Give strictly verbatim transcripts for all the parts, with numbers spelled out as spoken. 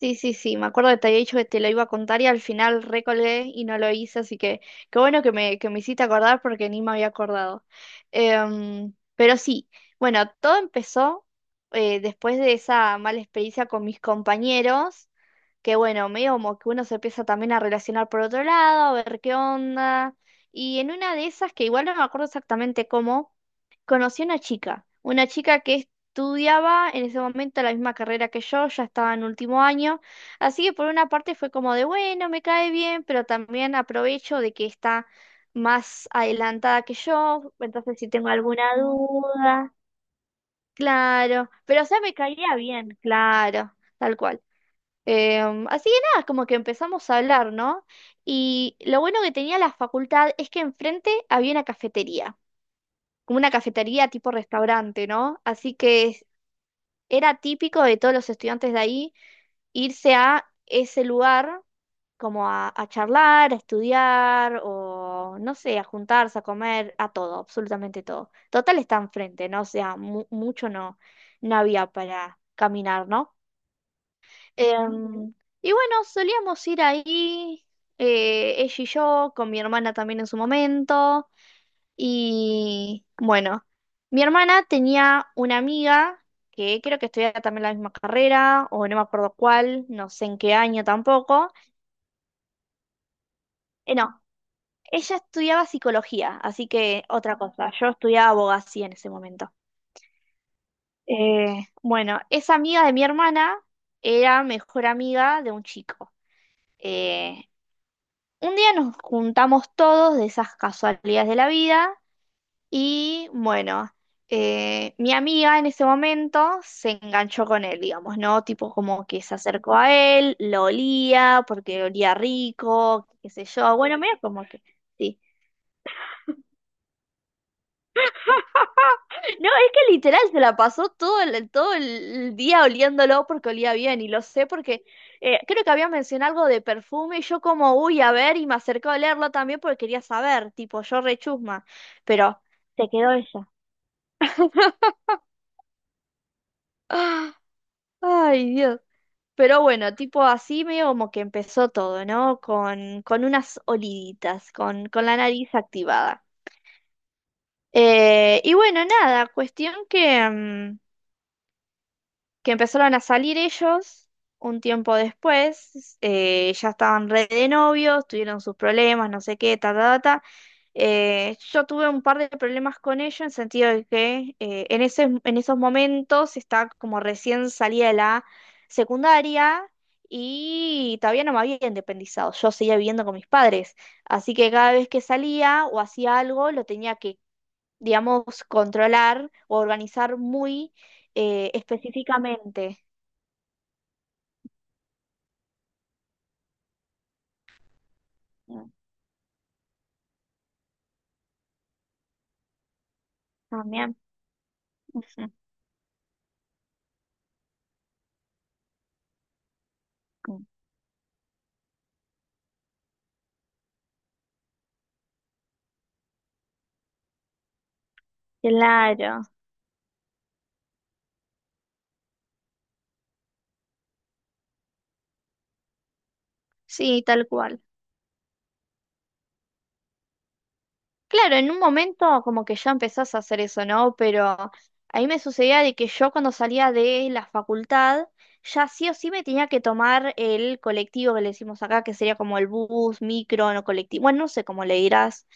Sí, sí, sí, me acuerdo que te había dicho que te lo iba a contar y al final recolgué y no lo hice, así que qué bueno que me, que me hiciste acordar porque ni me había acordado. Em, pero sí, bueno, todo empezó eh, después de esa mala experiencia con mis compañeros, que bueno, medio como que uno se empieza también a relacionar por otro lado, a ver qué onda. Y en una de esas, que igual no me acuerdo exactamente cómo, conocí a una chica, una chica que estudiaba en ese momento la misma carrera que yo, ya estaba en último año, así que por una parte fue como de, bueno, me cae bien, pero también aprovecho de que está más adelantada que yo, entonces si tengo alguna duda, claro, pero o sea, me caía bien, claro, tal cual. Em, así que nada, como que empezamos a hablar, ¿no? Y lo bueno que tenía la facultad es que enfrente había una cafetería, como una cafetería tipo restaurante, ¿no? Así que era típico de todos los estudiantes de ahí irse a ese lugar como a, a charlar, a estudiar o, no sé, a juntarse, a comer, a todo, absolutamente todo. Total está enfrente, ¿no? O sea, mu- mucho no, no había para caminar, ¿no? Em, y bueno, solíamos ir ahí, eh, ella y yo, con mi hermana también en su momento. Y bueno, mi hermana tenía una amiga que creo que estudiaba también la misma carrera, o no me acuerdo cuál, no sé en qué año tampoco. Eh, no, ella estudiaba psicología, así que otra cosa, yo estudiaba abogacía en ese momento. Eh, bueno, esa amiga de mi hermana era mejor amiga de un chico. Eh, Un día nos juntamos todos de esas casualidades de la vida y bueno, eh, mi amiga en ese momento se enganchó con él, digamos, ¿no? Tipo como que se acercó a él, lo olía porque olía rico, qué sé yo. Bueno, medio como que sí. No, es que literal se la pasó todo el, todo el día oliéndolo porque olía bien y lo sé porque eh, creo que había mencionado algo de perfume y yo como, uy, a ver, y me acercó a olerlo también porque quería saber, tipo, yo rechusma, pero se quedó ella. Ah, ay, Dios. Pero bueno, tipo así medio como que empezó todo, ¿no? Con, con unas oliditas, con, con la nariz activada. Eh, y bueno, nada, cuestión que mm, que empezaron a salir ellos un tiempo después, eh, ya estaban re de novios, tuvieron sus problemas, no sé qué, ta, ta, ta, ta. Eh, yo tuve un par de problemas con ellos en sentido de que eh, en ese, en esos momentos estaba como recién salía de la secundaria y todavía no me había independizado, yo seguía viviendo con mis padres, así que cada vez que salía o hacía algo lo tenía que, digamos, controlar o organizar muy eh, específicamente. También. Ujú. Claro, sí, tal cual. Claro, en un momento como que ya empezás a hacer eso, ¿no? Pero a mí me sucedía de que yo cuando salía de la facultad, ya sí o sí me tenía que tomar el colectivo, que le decimos acá, que sería como el bus, micro, no colectivo, bueno, no sé cómo le dirás,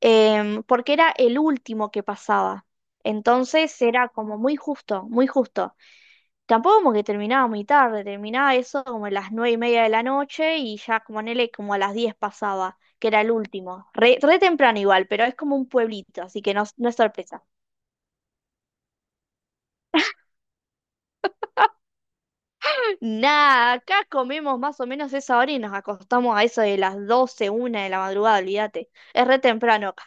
em, porque era el último que pasaba. Entonces era como muy justo, muy justo. Tampoco como que terminaba muy tarde, terminaba eso como a las nueve y media de la noche y ya como en él como a las diez pasaba, que era el último. Re, re temprano igual, pero es como un pueblito, así que no, no es sorpresa. Nada, acá comemos más o menos esa hora y nos acostamos a eso de las doce, una de la madrugada, olvídate. Es re temprano acá.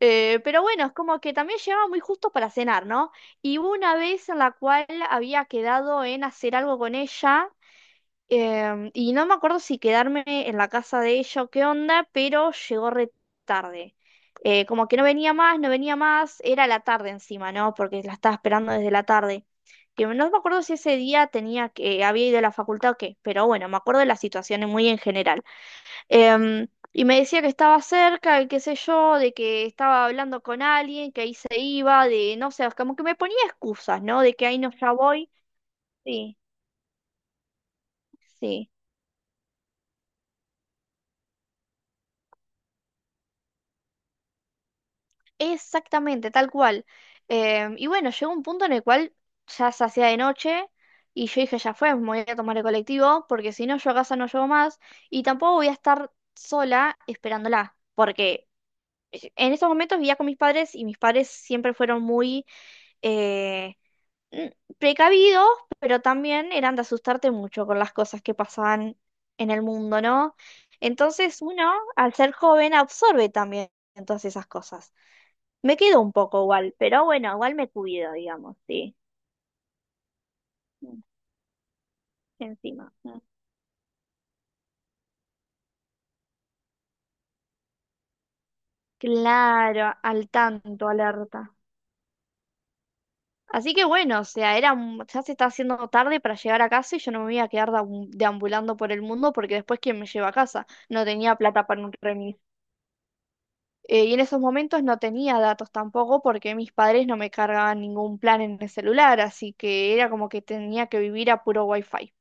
Eh, pero bueno, es como que también llegaba muy justo para cenar, ¿no? Y hubo una vez en la cual había quedado en hacer algo con ella. Em, y no me acuerdo si quedarme en la casa de ella o qué onda, pero llegó re tarde. Eh, como que no venía más, no venía más, era la tarde encima, ¿no? Porque la estaba esperando desde la tarde. Que no me acuerdo si ese día tenía que, había ido a la facultad o qué, pero bueno, me acuerdo de las situaciones muy en general. Em, y me decía que estaba cerca, y qué sé yo, de que estaba hablando con alguien, que ahí se iba, de no sé, como que me ponía excusas, ¿no? De que ahí no, ya voy. Sí, sí. Exactamente, tal cual. Em, y bueno, llegó un punto en el cual ya se hacía de noche y yo dije, ya fue, me voy a tomar el colectivo porque si no yo a casa no llego más y tampoco voy a estar sola esperándola porque eh, en esos momentos vivía con mis padres y mis padres siempre fueron muy eh, n- precavidos, pero también eran de asustarte mucho con las cosas que pasaban en el mundo, ¿no? Entonces uno, al ser joven, absorbe también todas esas cosas. Me quedo un poco igual, pero bueno, igual me cuido, digamos, sí. Mm, encima. Mm. Claro, al tanto, alerta. Así que bueno, o sea, era, un- ya se está haciendo tarde para llegar a casa y yo no me voy a quedar deambu- deambulando por el mundo porque después quién me lleva a casa. No tenía plata para un remis. Eh, y en esos momentos no tenía datos tampoco porque mis padres no me cargaban ningún plan en el celular, así que era como que tenía que vivir a puro wifi.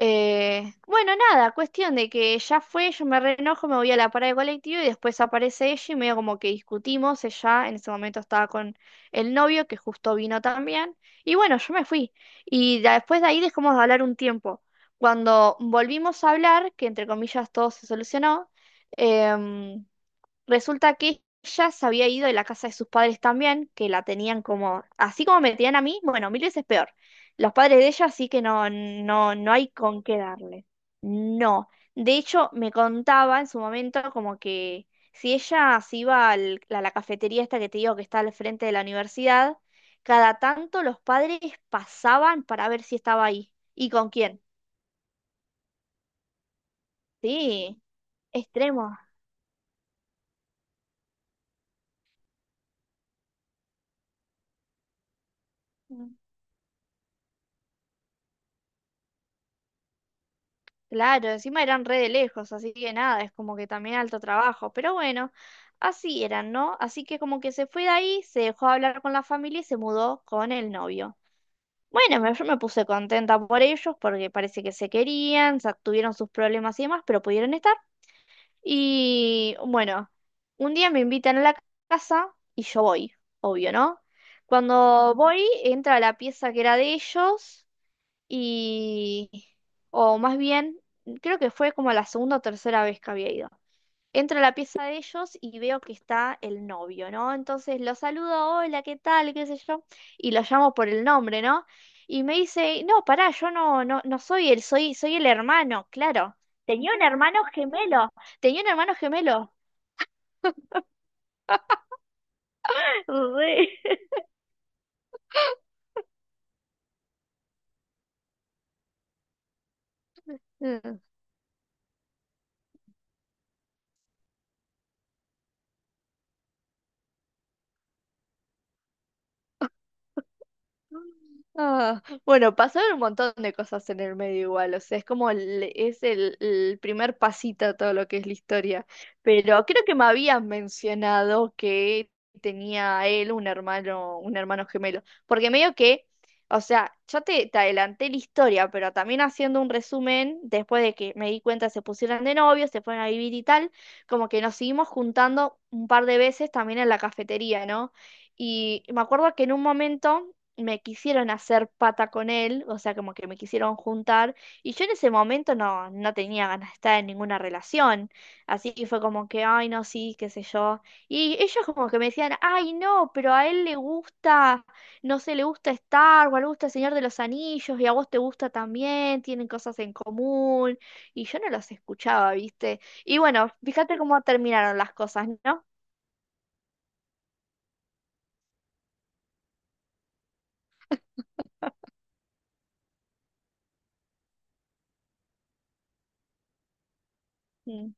Eh, bueno, nada, cuestión de que ya fue, yo me reenojo, me voy a la parada de colectivo y después aparece ella y medio como que discutimos, ella en ese momento estaba con el novio que justo vino también y bueno, yo me fui y da- después de ahí dejamos de hablar un tiempo. Cuando volvimos a hablar, que entre comillas todo se solucionó, em, resulta que ella se había ido de la casa de sus padres también, que la tenían como, así como me tenían a mí, bueno, mil veces peor. Los padres de ella sí que no, no, no hay con qué darle. No. De hecho, me contaba en su momento como que si ella se iba al- a la cafetería esta que te digo que está al frente de la universidad, cada tanto los padres pasaban para ver si estaba ahí. ¿Y con quién? Sí, extremo. Claro, encima eran re de lejos, así que nada, es como que también alto trabajo. Pero bueno, así eran, ¿no? Así que como que se fue de ahí, se dejó de hablar con la familia y se mudó con el novio. Bueno, me- yo me puse contenta por ellos porque parece que se querían, sa- tuvieron sus problemas y demás, pero pudieron estar. Y bueno, un día me invitan a la casa y yo voy, obvio, ¿no? Cuando voy, entra a la pieza que era de ellos y, o más bien, creo que fue como la segunda o tercera vez que había ido. Entro a la pieza de ellos y veo que está el novio, ¿no? Entonces lo saludo, hola, ¿qué tal? ¿Qué sé yo? Y lo llamo por el nombre, ¿no? Y me dice, no, pará, yo no, no, no soy él, soy, soy el hermano, claro. Tenía un hermano gemelo, Tenía un hermano gemelo. Re. Ah, bueno, pasaron un montón de cosas en el medio igual, o sea, es como el, es el, el primer pasito a todo lo que es la historia, pero creo que me habías mencionado que tenía él un hermano, un hermano gemelo, porque medio que, o sea, yo te, te adelanté la historia, pero también haciendo un resumen, después de que me di cuenta se pusieron de novios, se fueron a vivir y tal, como que nos seguimos juntando un par de veces también en la cafetería, ¿no? Y me acuerdo que en un momento me quisieron hacer pata con él, o sea, como que me quisieron juntar, y yo en ese momento no, no tenía ganas de estar en ninguna relación, así que fue como que, ay, no, sí, qué sé yo, y ellos como que me decían, ay, no, pero a él le gusta, no sé, le gusta Star Wars, le gusta El Señor de los Anillos, y a vos te gusta también, tienen cosas en común, y yo no los escuchaba, ¿viste? Y bueno, fíjate cómo terminaron las cosas, ¿no? Mm.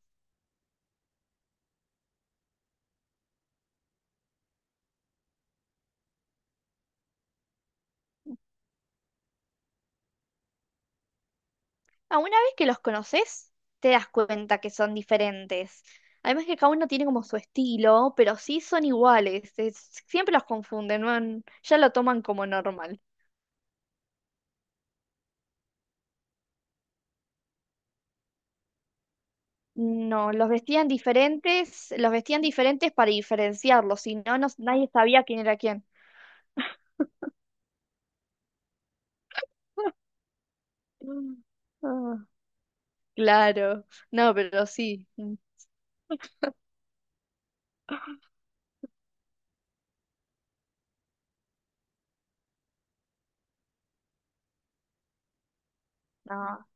Ah, una vez que los conoces, te das cuenta que son diferentes. Además que cada uno tiene como su estilo, pero sí son iguales. Es- siempre los confunden, ¿no? Ya lo toman como normal. No, los vestían diferentes, los vestían diferentes para diferenciarlos, si no, no- nadie sabía quién era quién. Ah, claro, no, pero sí. Mm. No.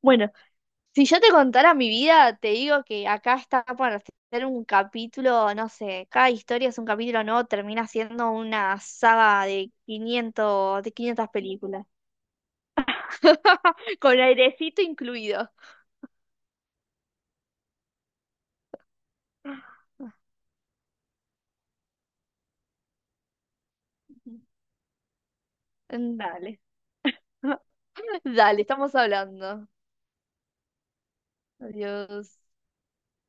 Bueno, si yo te contara mi vida, te digo que acá está para hacer un capítulo, no sé, cada historia es un capítulo nuevo, termina siendo una saga de quinientas, de quinientas películas, con airecito incluido. Dale, dale, estamos hablando. Adiós.